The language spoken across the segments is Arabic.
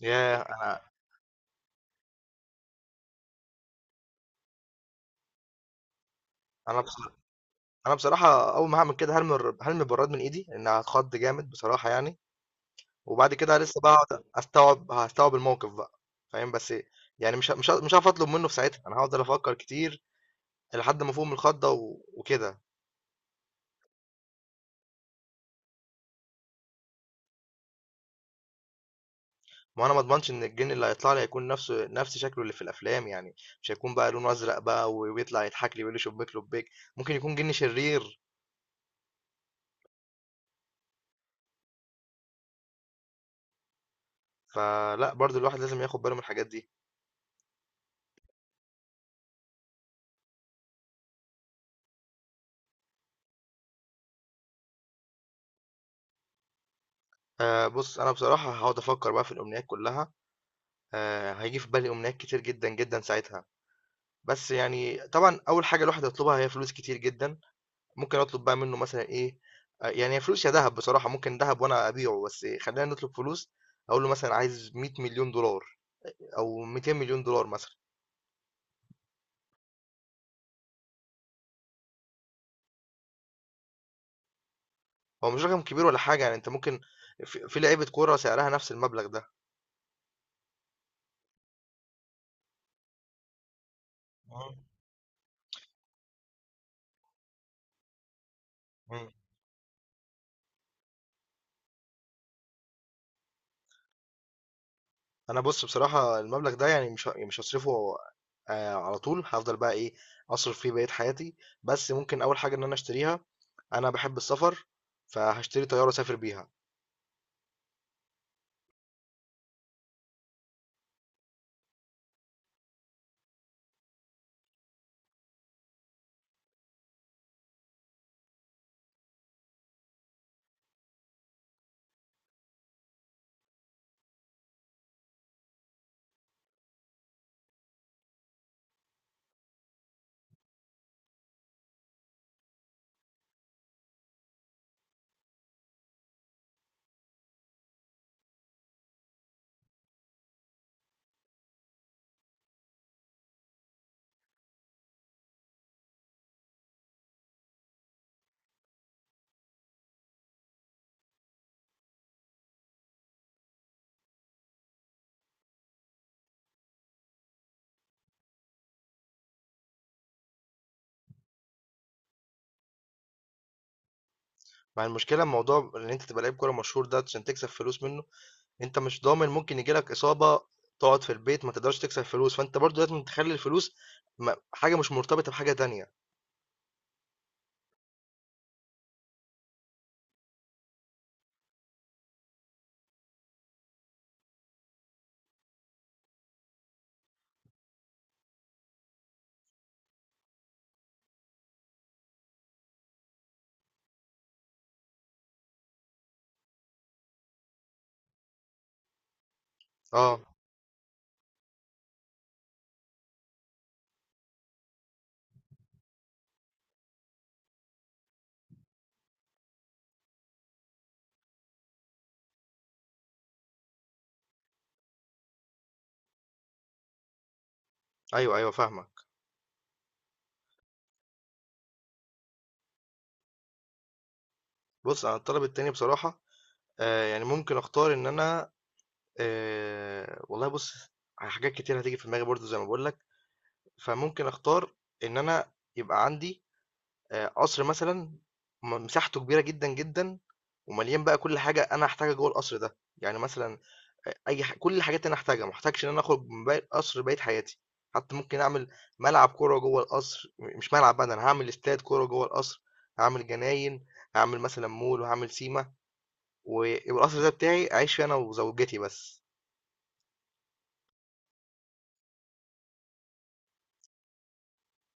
ياه! أنا بص، أنا بصراحة أول ما هاعمل كده هارمي هارمي البراد من إيدي، لإن هاتخض جامد بصراحة يعني، وبعد كده لسه بقى هاقعد أستوعب هاستوعب الموقف بقى، فاهم؟ بس يعني مش هاعرف أطلب منه في ساعتها، أنا هافضل أفكر كتير لحد ما أفوق من الخضة و وكده، ما هو أنا ما اضمنش إن الجِن اللي هيطلع لي هيكون نفسه نفس شكله اللي في الأفلام، يعني مش هيكون بقى لونه أزرق بقى و ويطلع يضحك لي ويقول لي شبيك لبيك، ممكن يكون جِن شرير، فلأ برضه الواحد لازم ياخد باله من الحاجات دي. بُص، أنا بصراحة هاقعد أفكر بقى في الأمنيات كلها. هييجي في بالي أمنيات كتير جدًا، جدًا ساعتها، بس يعني طبعًا أول حاجة الواحد هيطلبها هي فلوس كتير جدًا، ممكن أطلب بقى منه مثلًا إيه، يعني هي فلوس يا دهب بصراحة، ممكن دهب وأنا أبيعه، بس خلّينا نطلب فلوس، أقول له مثلًا عايز 100,000,000$ أو 200,000,000$ مثلًا، هو مش رقم كبير ولا حاجة يعني أنت ممكن في لعيبة كورة سعرها نفس المبلغ ده. إمم. إمم. أنا بُص بصراحة المبلغ ده يعني مش ه يعني مش هاصرفه على طول، هافضل بقى إيه، أصرف فيه بقية حياتي، بس ممكن أول حاجة إن أنا أشتريها، انا بحب السفر فهشتري طياره اسافر بيها. مع المشكله الموضوع ان انت تبقى لعيب كوره مشهور ده عشان تكسب فلوس منه، انت مش ضامن ممكن يجيلك اصابه تقعد في البيت ما تقدرش تكسب فلوس، فانت برضو لازم تخلي الفلوس حاجه مش مرتبطه بحاجه تانية. اه، ايوه ايوه فاهمك. بص انا الطلب التاني بصراحه يعني ممكن اختار ان انا والله بص، على حاجات كتير هتيجي في دماغي برضو زي ما بقول لك، فممكن اختار ان انا يبقى عندي قصر مثلًا، مساحته كبيرة جدًا، جدًا ومليان بقى كل حاجة أنا هاحتاجها جوّه القصر ده، يعني مثلًا أ أي ح كل الحاجات اللي أنا هاحتاجها، ما احتاجش إن أنا أخرج من باقي القصر بقية حياتي، حتى ممكن أعمل ملعب كورة جوّه القصر، مش ملعب بقى ده أنا هاعمل استاد كورة جوّه القصر، هاعمل جناين، هاعمل مثلًا مول وهاعمل سيما، ويبقى القصر ده بتاعي أعيش فيه أنا وزوجتي بس.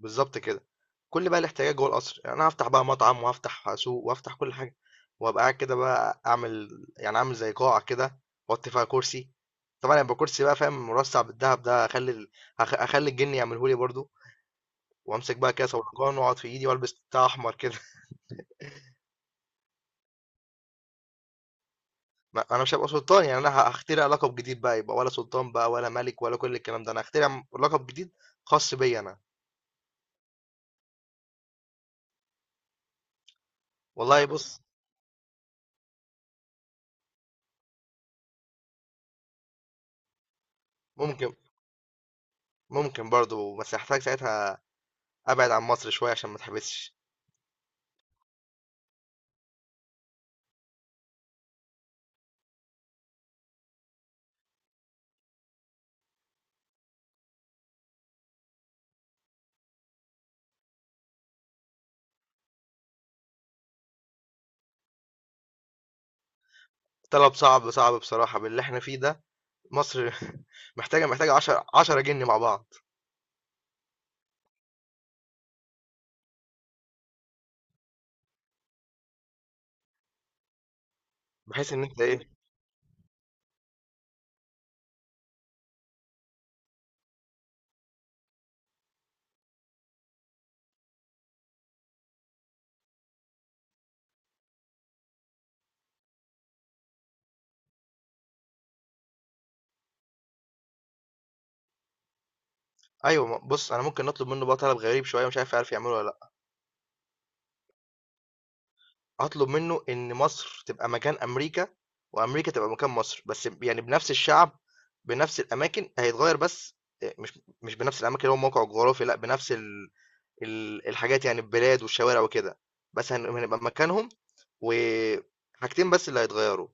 بالضبط كده. كل بقى الاحتياجات جوه القصر، يعني أنا هافتح بقى مطعم وهافتح سوق وهافتح كل حاجة، وهابقى قاعد كده بقى أعمل، يعني أعمل زي قاعة كده وأحط فيها كرسي، طبعًا هيبقى كرسي بقى فاهم مرصع بالدهب ده، هاخلّي ال هاخ هاخلّي الجِن يعمله لي برضه، وأمسك بقى كاسة ولقان وأقعد في إيدي وألبس بتاع أحمر كده، ما أنا مش هابقى سلطان، يعني أنا هاخترع لقب جديد بقى، يبقى ولا سلطان بقى ولا ملك ولا كل الكلام ده، أنا هاخترع لقب جديد خاص بيّا أنا، والله بُص. ممكن ممكن برضه بس هاحتاج ساعتها أبعد عن مصر شوية عشان ما اتحبسش. طلب صعب صعب بصراحة باللي احنا فيه ده، مصر محتاجة 10 جني مع بعض، بحيث ان انت ايه. ايوه، بص انا ممكن نطلب منه بقى طلب غريب شوية مش عارف يعرف يعمله ولا لا، هطلب منه ان مصر تبقى مكان امريكا وامريكا تبقى مكان مصر، بس يعني بنفس الشعب بنفس الاماكن هيتغير بس، إيه، مش مش بنفس الاماكن اللي هو موقع جغرافي، لا بنفس الحاجات، يعني البلاد والشوارع وكده، بس هنبقى مكانهم، وحاجتين بس اللي هيتغيروا،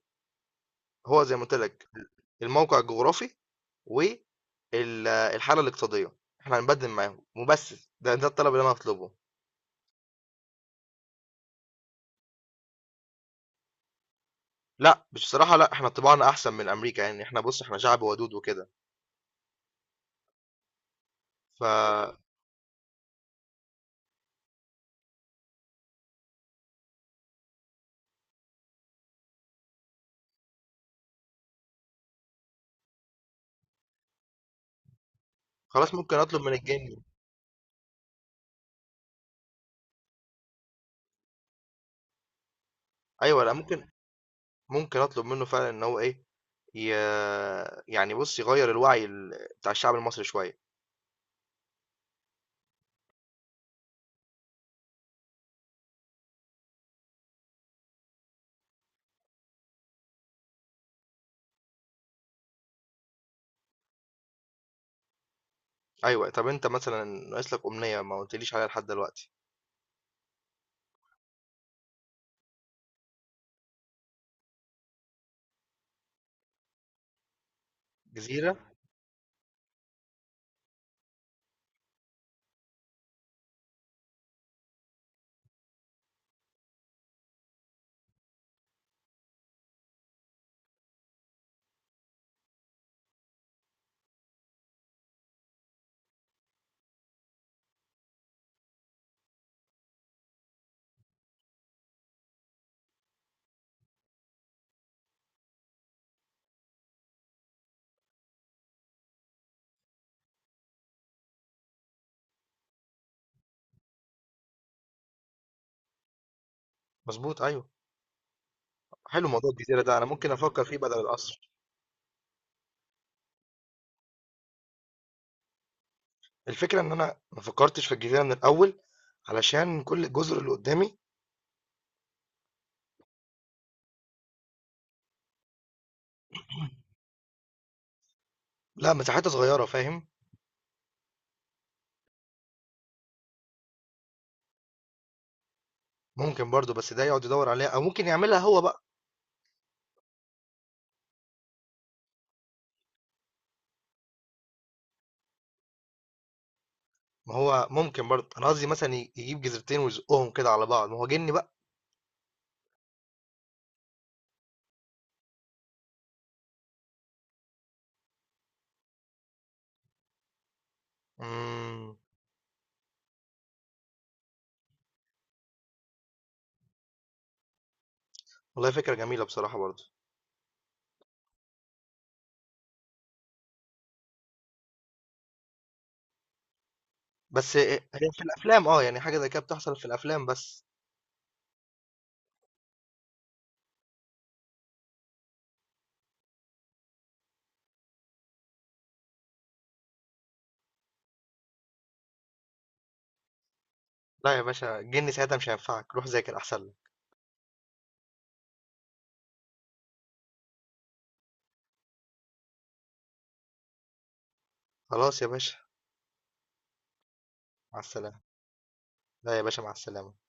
هو زي ما قلت لك: الموقع الجغرافي والحالة الاقتصادية، احنا هنبدل معاهم وبس، ده الطلب اللي انا هطلبه. لا بصراحة لا، احنا طباعنا احسن من امريكا، يعني احنا بص احنا شعب ودود وكده، ف خلاص ممكن اطلب من الجني، ايوه لا ممكن، ممكن اطلب منه فعلا ان هو ايه، ي... يعني بص يغير الوعي بتاع الشعب المصري شوية. ايوه طب انت مثلا ناقص لك امنية ما قلتليش عليها لحد دلوقتي. جزيرة. مظبوط ايوه. حلو موضوع الجزيرة ده، انا ممكن افكر فيه بدل القصر. الفكرة ان انا ما فكرتش في الجزيرة من الاول علشان كل الجزر اللي قدامي، لا مساحتها صغيرة فاهم. ممكن برضو بس ده يقعد يدور عليها او ممكن يعملها هو بقى، ما هو ممكن برضو انا قصدي مثلا يجيب جزرتين ويزقهم كده على بعض ما هو جني بقى. امم. والله فكرة جميلة بصراحة برضو، بس هي في الافلام، اه يعني حاجة زي كده بتحصل في الافلام بس. لا يا باشا الجن ساعتها مش هينفعك، روح ذاكر احسن لك. خلاص يا باشا. مع السلامة. لا يا باشا مع السلامة.